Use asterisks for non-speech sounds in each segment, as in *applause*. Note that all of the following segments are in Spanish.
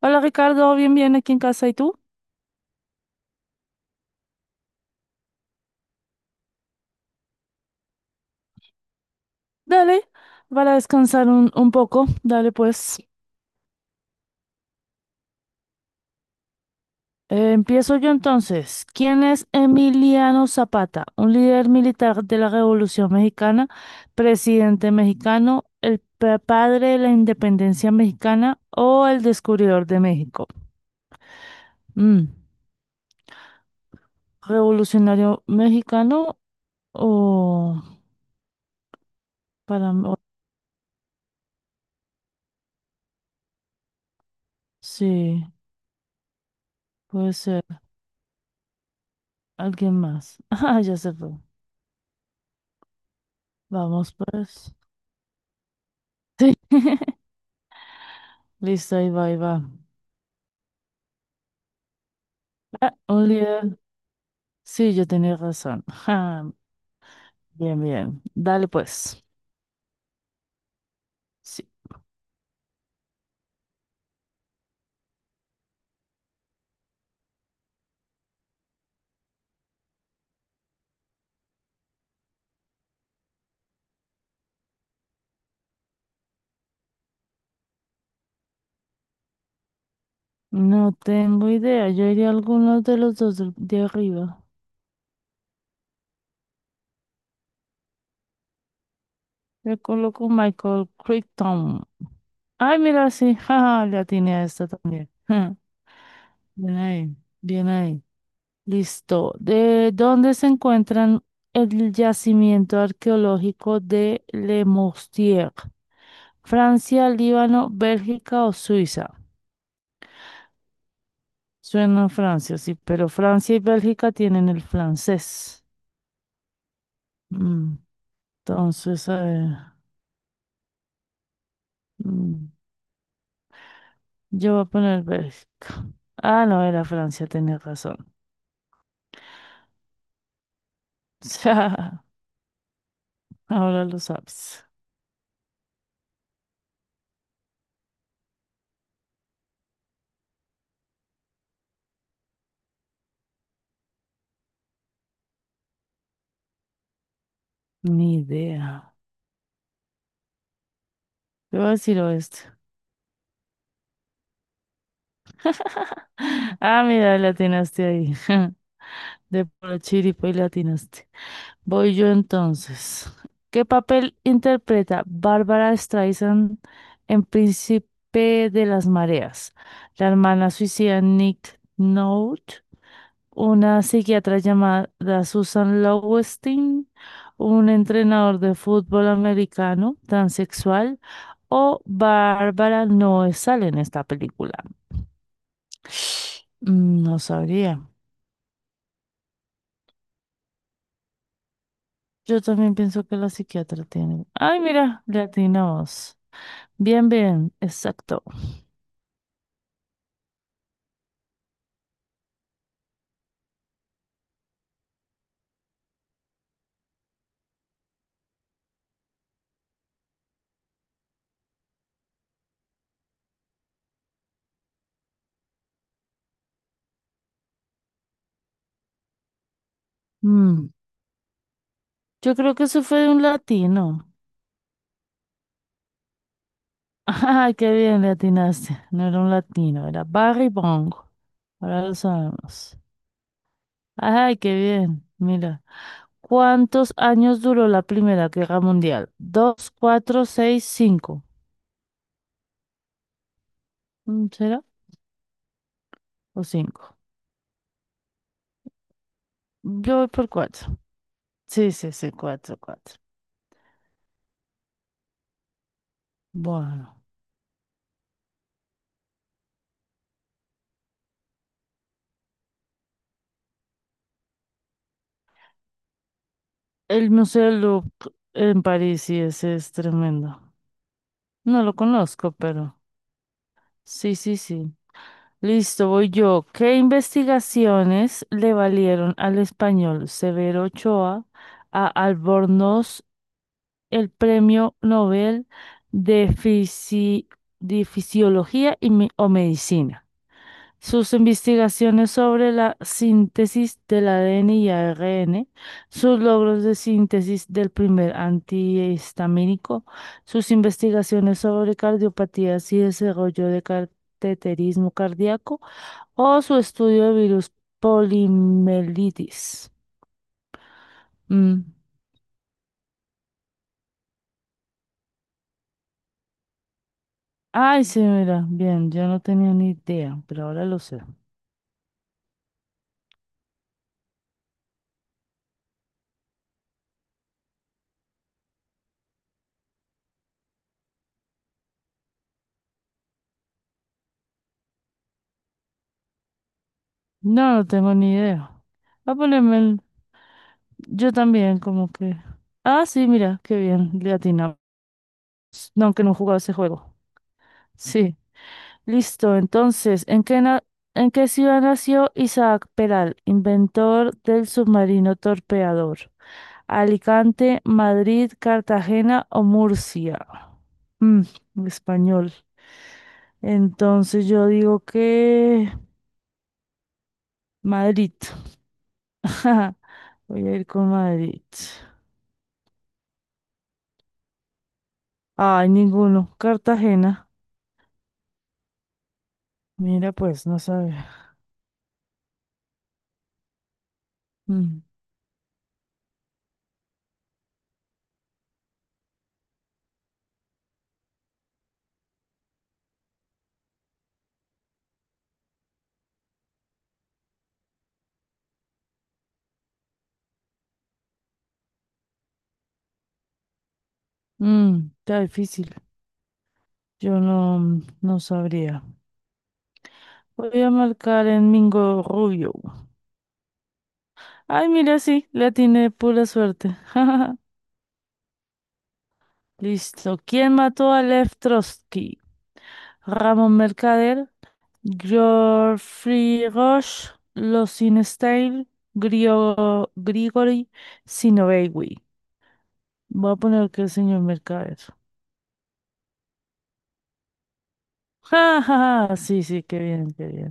Hola Ricardo, bien, bien aquí en casa. ¿Y tú? Dale, para descansar un poco. Dale, pues. Empiezo yo entonces. ¿Quién es Emiliano Zapata? Un líder militar de la Revolución Mexicana, presidente mexicano, padre de la independencia mexicana o el descubridor de México. Mm, ¿revolucionario mexicano o para... sí, puede ser alguien más. *laughs* Ah, ya se fue. Vamos pues. Sí. *laughs* Listo, ahí va, ahí va. Ah, un líder. Sí, yo tenía razón. *laughs* Ja, bien, bien. Dale pues. Sí. No tengo idea. Yo iría a alguno de los dos de arriba. Le coloco Michael Crichton. Ay, mira, sí. *laughs* Ja, la tiene esta también. *laughs* Ja, bien ahí, bien ahí. Listo. ¿De dónde se encuentran el yacimiento arqueológico de Le Mostier? ¿Francia, Líbano, Bélgica o Suiza? Suena a Francia, sí, pero Francia y Bélgica tienen el francés. Mm, entonces, a ver, mm, yo voy a poner Bélgica. Ah, no, era Francia, tenés razón. *laughs* O sea, ahora lo sabes. Ni idea. Te voy a decir oeste. *laughs* Ah, mira, le atinaste ahí. *laughs* De puro chiripo y le atinaste. Voy yo entonces. ¿Qué papel interpreta Bárbara Streisand en Príncipe de las Mareas? La hermana suicida Nick Nolte, una psiquiatra llamada Susan Lowenstein, un entrenador de fútbol americano transexual o Bárbara no sale en esta película. Mm, no sabría. Yo también pienso que la psiquiatra tiene. Ay, mira, le atinamos. Bien, bien, exacto. Mm, yo creo que eso fue de un latino. *laughs* Ay, qué bien le atinaste. No era un latino, era Barry Bongo. Ahora lo sabemos. Ay, qué bien. Mira, ¿cuántos años duró la Primera Guerra Mundial? Dos, cuatro, seis, cinco. Mm, ¿será? ¿O cinco? Yo voy por cuatro. Sí, sí, sí, cuatro, cuatro. Bueno, el Museo del Louvre en París, sí, ese es tremendo. No lo conozco, pero sí, sí, sí. Listo, voy yo. ¿Qué investigaciones le valieron al español Severo Ochoa a Albornoz el Premio Nobel de, Fisi- de Fisiología y Me- o Medicina? Sus investigaciones sobre la síntesis del ADN y ARN, sus logros de síntesis del primer antihistamínico, sus investigaciones sobre cardiopatías y desarrollo de cateterismo cardíaco o su estudio de virus polimelitis. Mm. Ay, sí, mira, bien, yo no tenía ni idea, pero ahora lo sé. No, no tengo ni idea. A ponerme yo también, como que... Ah, sí, mira, qué bien, le atinamos. No, aunque no jugaba ese juego. Sí. Listo, entonces, ¿en qué ciudad nació Isaac Peral, inventor del submarino torpeador? Alicante, Madrid, Cartagena o Murcia. Mm, español. Entonces yo digo que Madrid. *laughs* Voy a ir con Madrid. Ay, ninguno. Cartagena. Mira, pues, no sabe. Mm, mm, está difícil. Yo no, no sabría. Voy a marcar en Mingo Rubio. Ay, mira, sí, la tiene pura suerte. *laughs* Listo. ¿Quién mató a Lev Trotsky? Ramón Mercader, Geoffrey Roche, Losinstein, Grigori Sinovevich. Voy a poner que el señor Mercader. *laughs* Ja, ja, ja. Sí, sí, qué bien, qué bien.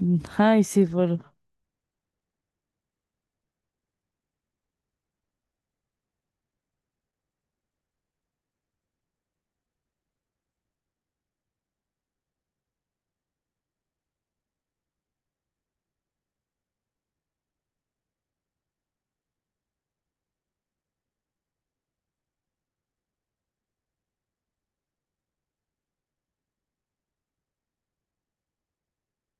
Mm, ay, sí, por...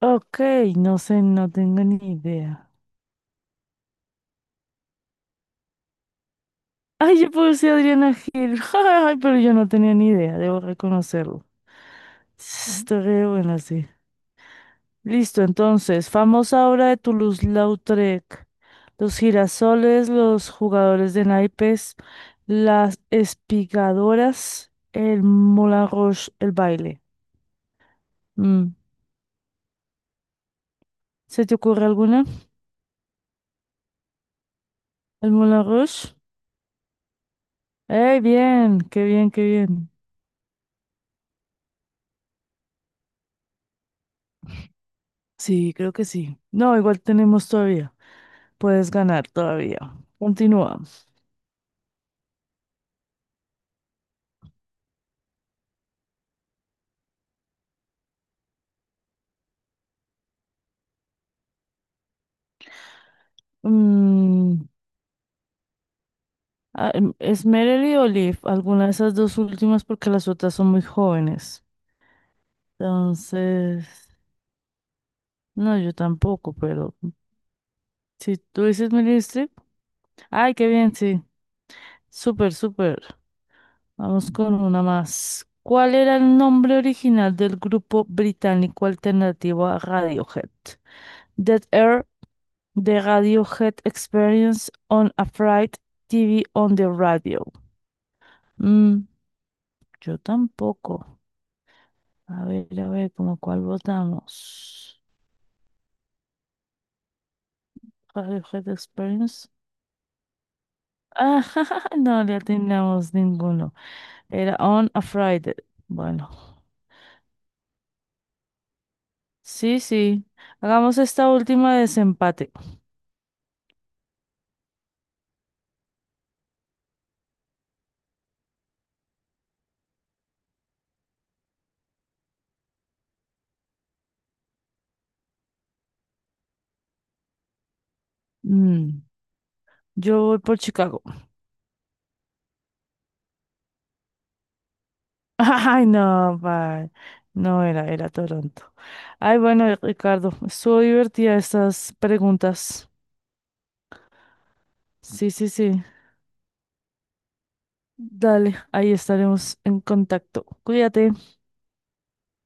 Ok, no sé, no tengo ni idea. Ay, yo puse Adriana Gil. *laughs* Ay, pero yo no tenía ni idea, debo reconocerlo. Ujú. Está re buena, sí. Listo, entonces, famosa obra de Toulouse-Lautrec. Los girasoles, los jugadores de naipes, las espigadoras, el Moulin Rouge, el baile. Mm. ¿Se te ocurre alguna? ¿El Moulin Rouge? ¡Eh, bien! ¡Qué bien, qué bien! Sí, creo que sí. No, igual tenemos todavía. Puedes ganar todavía. Continúa. Mm, ah, ¿es Merely o Leaf? Alguna de esas dos últimas porque las otras son muy jóvenes. Entonces, no, yo tampoco, pero si tú dices Meryl Streep, ay, qué bien, sí. Súper, súper. Vamos con una más. ¿Cuál era el nombre original del grupo británico alternativo a Radiohead? Dead Air, The Radiohead Experience on a Fright, TV on the Radio. Mm, yo tampoco. A ver, ¿cómo cuál votamos? Radiohead Experience. Ah, *laughs* no le atinamos ninguno. Era On a Friday. Bueno, sí, sí. Hagamos esta última de desempate. Mm, yo voy por Chicago. *laughs* Ay, no, pa. No era, era Toronto. Ay, bueno, Ricardo, estuvo divertida estas preguntas. Sí, sí, sí. Dale, ahí estaremos en contacto. Cuídate.